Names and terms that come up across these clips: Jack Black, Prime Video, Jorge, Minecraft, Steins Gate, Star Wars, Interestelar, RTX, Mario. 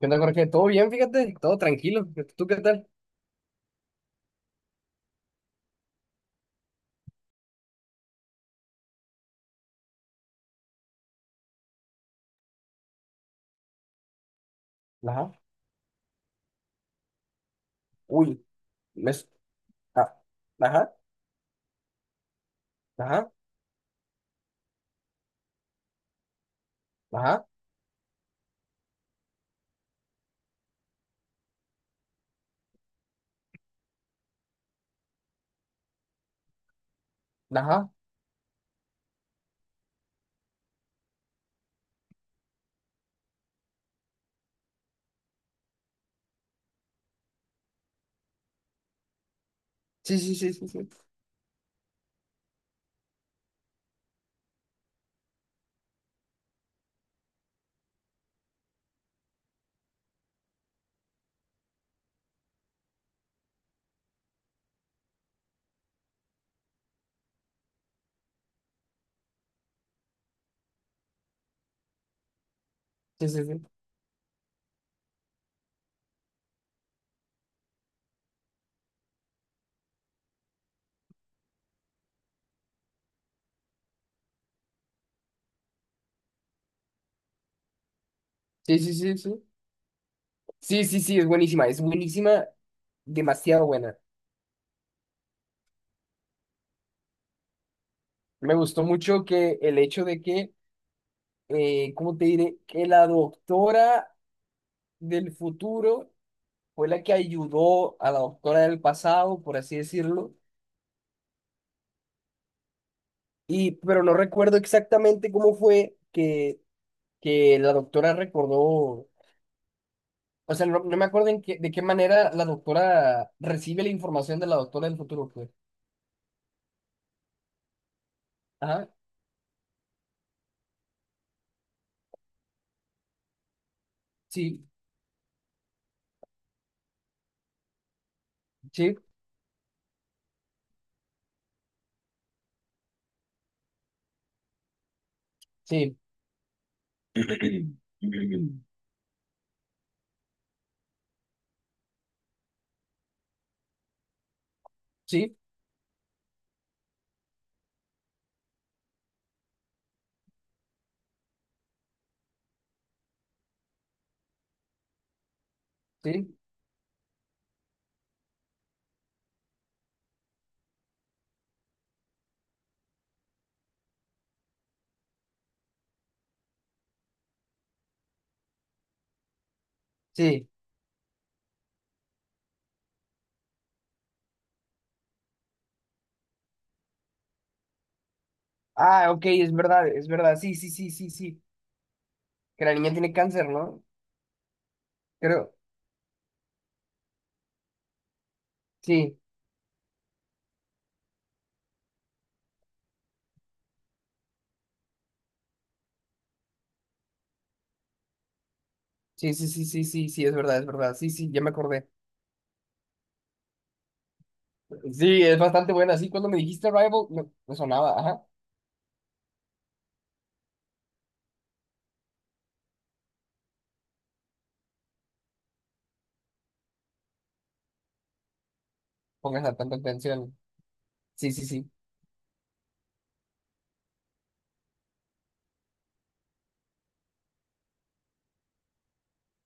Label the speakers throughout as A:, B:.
A: ¿Qué onda, Jorge? ¿Todo bien? Fíjate, todo tranquilo. ¿Tú qué tal? Ajá. Uy, me... s- ah, Ajá, ajá, ajá, ajá. Sí, sí, sí, sí, sí. Sí, sí, sí. Sí, sí, sí, sí. Sí, sí, sí, es buenísima. Es buenísima, demasiado buena. Me gustó mucho que el hecho de que, ¿cómo te diré? Que la doctora del futuro fue la que ayudó a la doctora del pasado, por así decirlo. Y, pero no recuerdo exactamente cómo fue que la doctora recordó. O sea, no me acuerdo de qué manera la doctora recibe la información de la doctora del futuro, pues. Ajá, sí, sí, sí. Sí, sí, sí. Ah, ok, es verdad, es verdad. Sí, sí, sí, sí, sí. Que la niña tiene cáncer, ¿no? Creo. Sí, sí, sí, sí, sí, sí, sí, es verdad, es verdad. Sí, sí, ya me acordé. Sí, es bastante buena. Sí, cuando me dijiste Rival, me sonaba. Ajá, póngase tanta atención. Sí, sí, sí,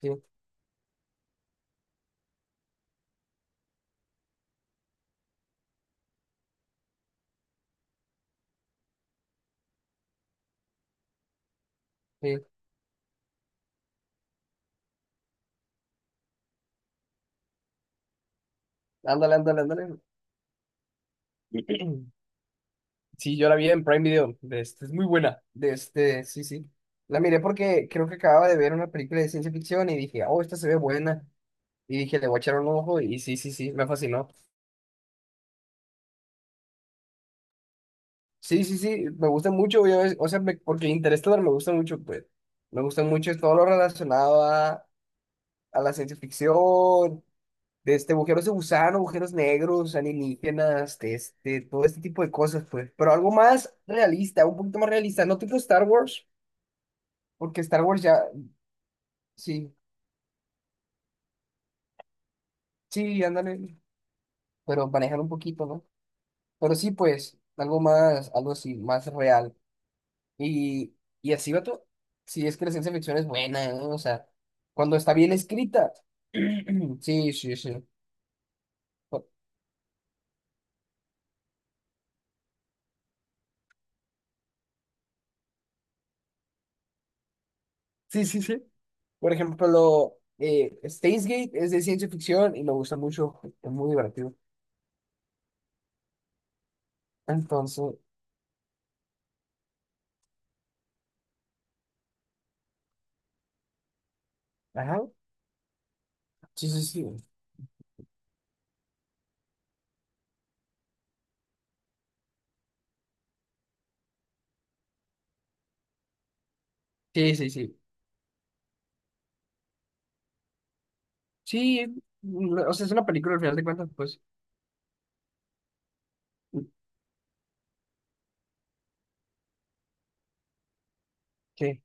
A: sí, sí. Ándale, ándale, ándale. Sí, yo la vi en Prime Video. De este, es muy buena. De este, sí, sí. La miré porque creo que acababa de ver una película de ciencia ficción y dije, oh, esta se ve buena. Y dije, le voy a echar un ojo y sí, sí, sí, me fascinó. Sí, sí, sí, me gusta mucho, o sea, porque Interestelar me gusta mucho, pues. Me gusta mucho es todo lo relacionado a la ciencia ficción, de este, agujeros de gusano, agujeros negros, alienígenas, de este, todo este tipo de cosas, pues. Pero algo más realista, un poquito más realista, no tipo Star Wars, porque Star Wars ya... Sí, Sí, ándale, pero manejar un poquito, ¿no? Pero sí, pues, algo más, algo así, más real. Y, y así va todo. Sí, es que la ciencia ficción es buena, ¿no? O sea, cuando está bien escrita. Sí, sí, sí. Por- Sí, sí, sí. Por ejemplo, Steins Gate es de ciencia ficción y me gusta mucho, es muy divertido. Entonces, ajá, sí, sí, sí. Sí, sí, sí. Sí, mm, o sea, es una película al final de cuentas, pues. ¿Qué?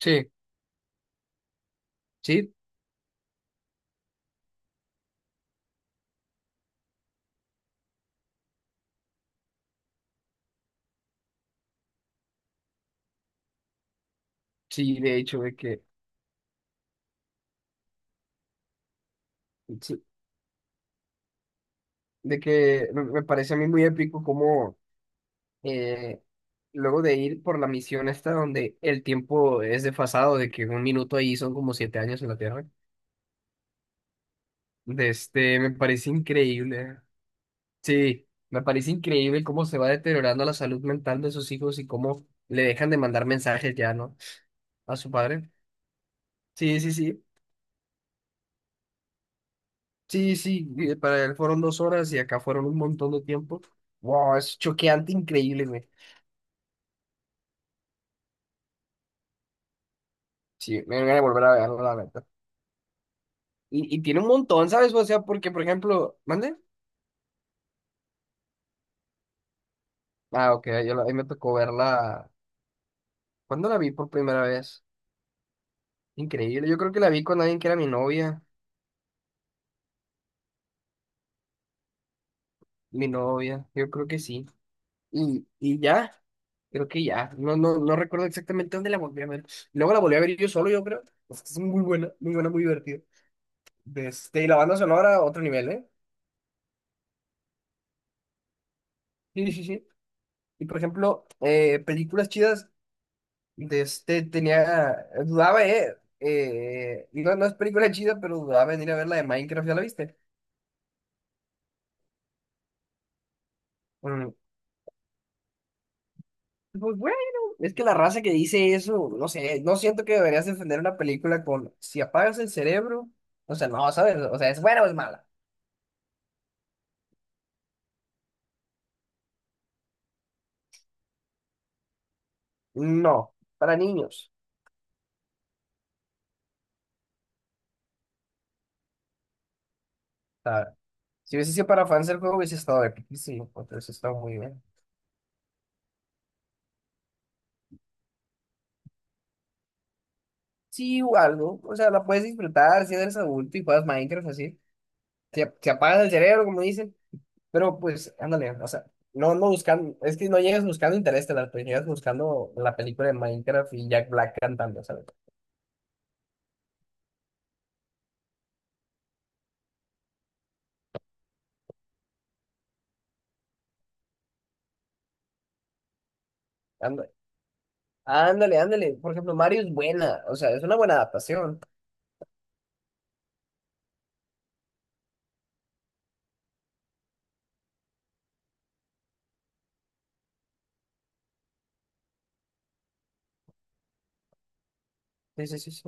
A: Sí, sí, sí, de hecho, de que Sí, de que me parece a mí muy épico como eh, luego de ir por la misión esta donde el tiempo es desfasado, de que un minuto ahí son como 7 años en la Tierra, de este, me parece increíble. Sí, me parece increíble cómo se va deteriorando la salud mental de sus hijos y cómo le dejan de mandar mensajes ya, ¿no? A su padre. Sí, sí, sí. Sí, sí, para él fueron 2 horas y acá fueron un montón de tiempo. Wow, es choqueante, increíble, güey. Sí, me voy a volver a verlo, la verdad. Y tiene un montón, ¿sabes? O sea, porque, por ejemplo, ¿mande? Ah, ok, a mí me tocó verla. ¿Cuándo la vi por primera vez? Increíble, yo creo que la vi con alguien que era mi novia, yo creo que sí. Y ya, creo que ya, no recuerdo exactamente dónde la volví a ver. Luego la volví a ver yo solo, yo creo. Es que es muy buena, muy buena, muy divertida. De Este, y la banda sonora, otro nivel, ¿eh? Sí, sí, sí. Y por ejemplo, películas chidas. De este tenía, dudaba, no, no es película chida, pero dudaba en ir a ver la de Minecraft, ¿ya la viste? Mm, pues bueno, es que la raza que dice eso, no sé, no siento que deberías defender una película con, si apagas el cerebro, o sea, no, ¿sabes? O sea, ¿es buena o es mala? No, para niños, ¿sabes? Si hubiese sido para fans del juego, hubiese estado epiquísimo, entonces está muy bien. Sí, o algo, o sea, la puedes disfrutar si eres adulto y juegas Minecraft así. Si, si apagas el cerebro, como dicen. Pero pues, ándale, o sea, no buscando, es que no llegas buscando Interestelar, pues llegas buscando la película de Minecraft y Jack Black cantando, ¿sabes? Ándale, ándale, ándale. Por ejemplo, Mario es buena, o sea, es una buena adaptación. Sí, sí, sí, sí.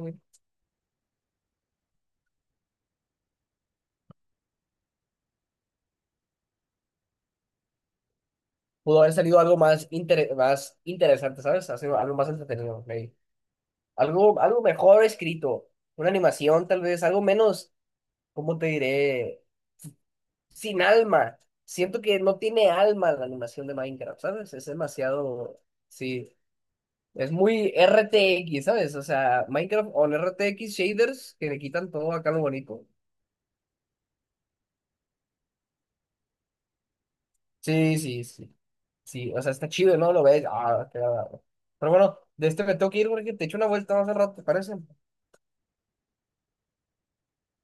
A: Pudo haber salido algo más, más interesante, ¿sabes? Hacer algo más entretenido, maybe. Algo, algo mejor escrito, una animación tal vez, algo menos, ¿cómo te diré? Sin alma. Siento que no tiene alma la animación de Minecraft, ¿sabes? Es demasiado... Sí, es muy RTX, ¿sabes? O sea, Minecraft on RTX shaders que le quitan todo acá lo bonito. Sí, sí, sí. Sí, o sea, está chido, ¿no? Lo ves. Ah, qué agradable. Pero bueno, de este me tengo que ir porque te echo una vuelta más al rato, ¿te parece?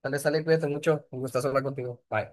A: Dale, sale, cuídate mucho. Un gustazo hablar contigo. Bye.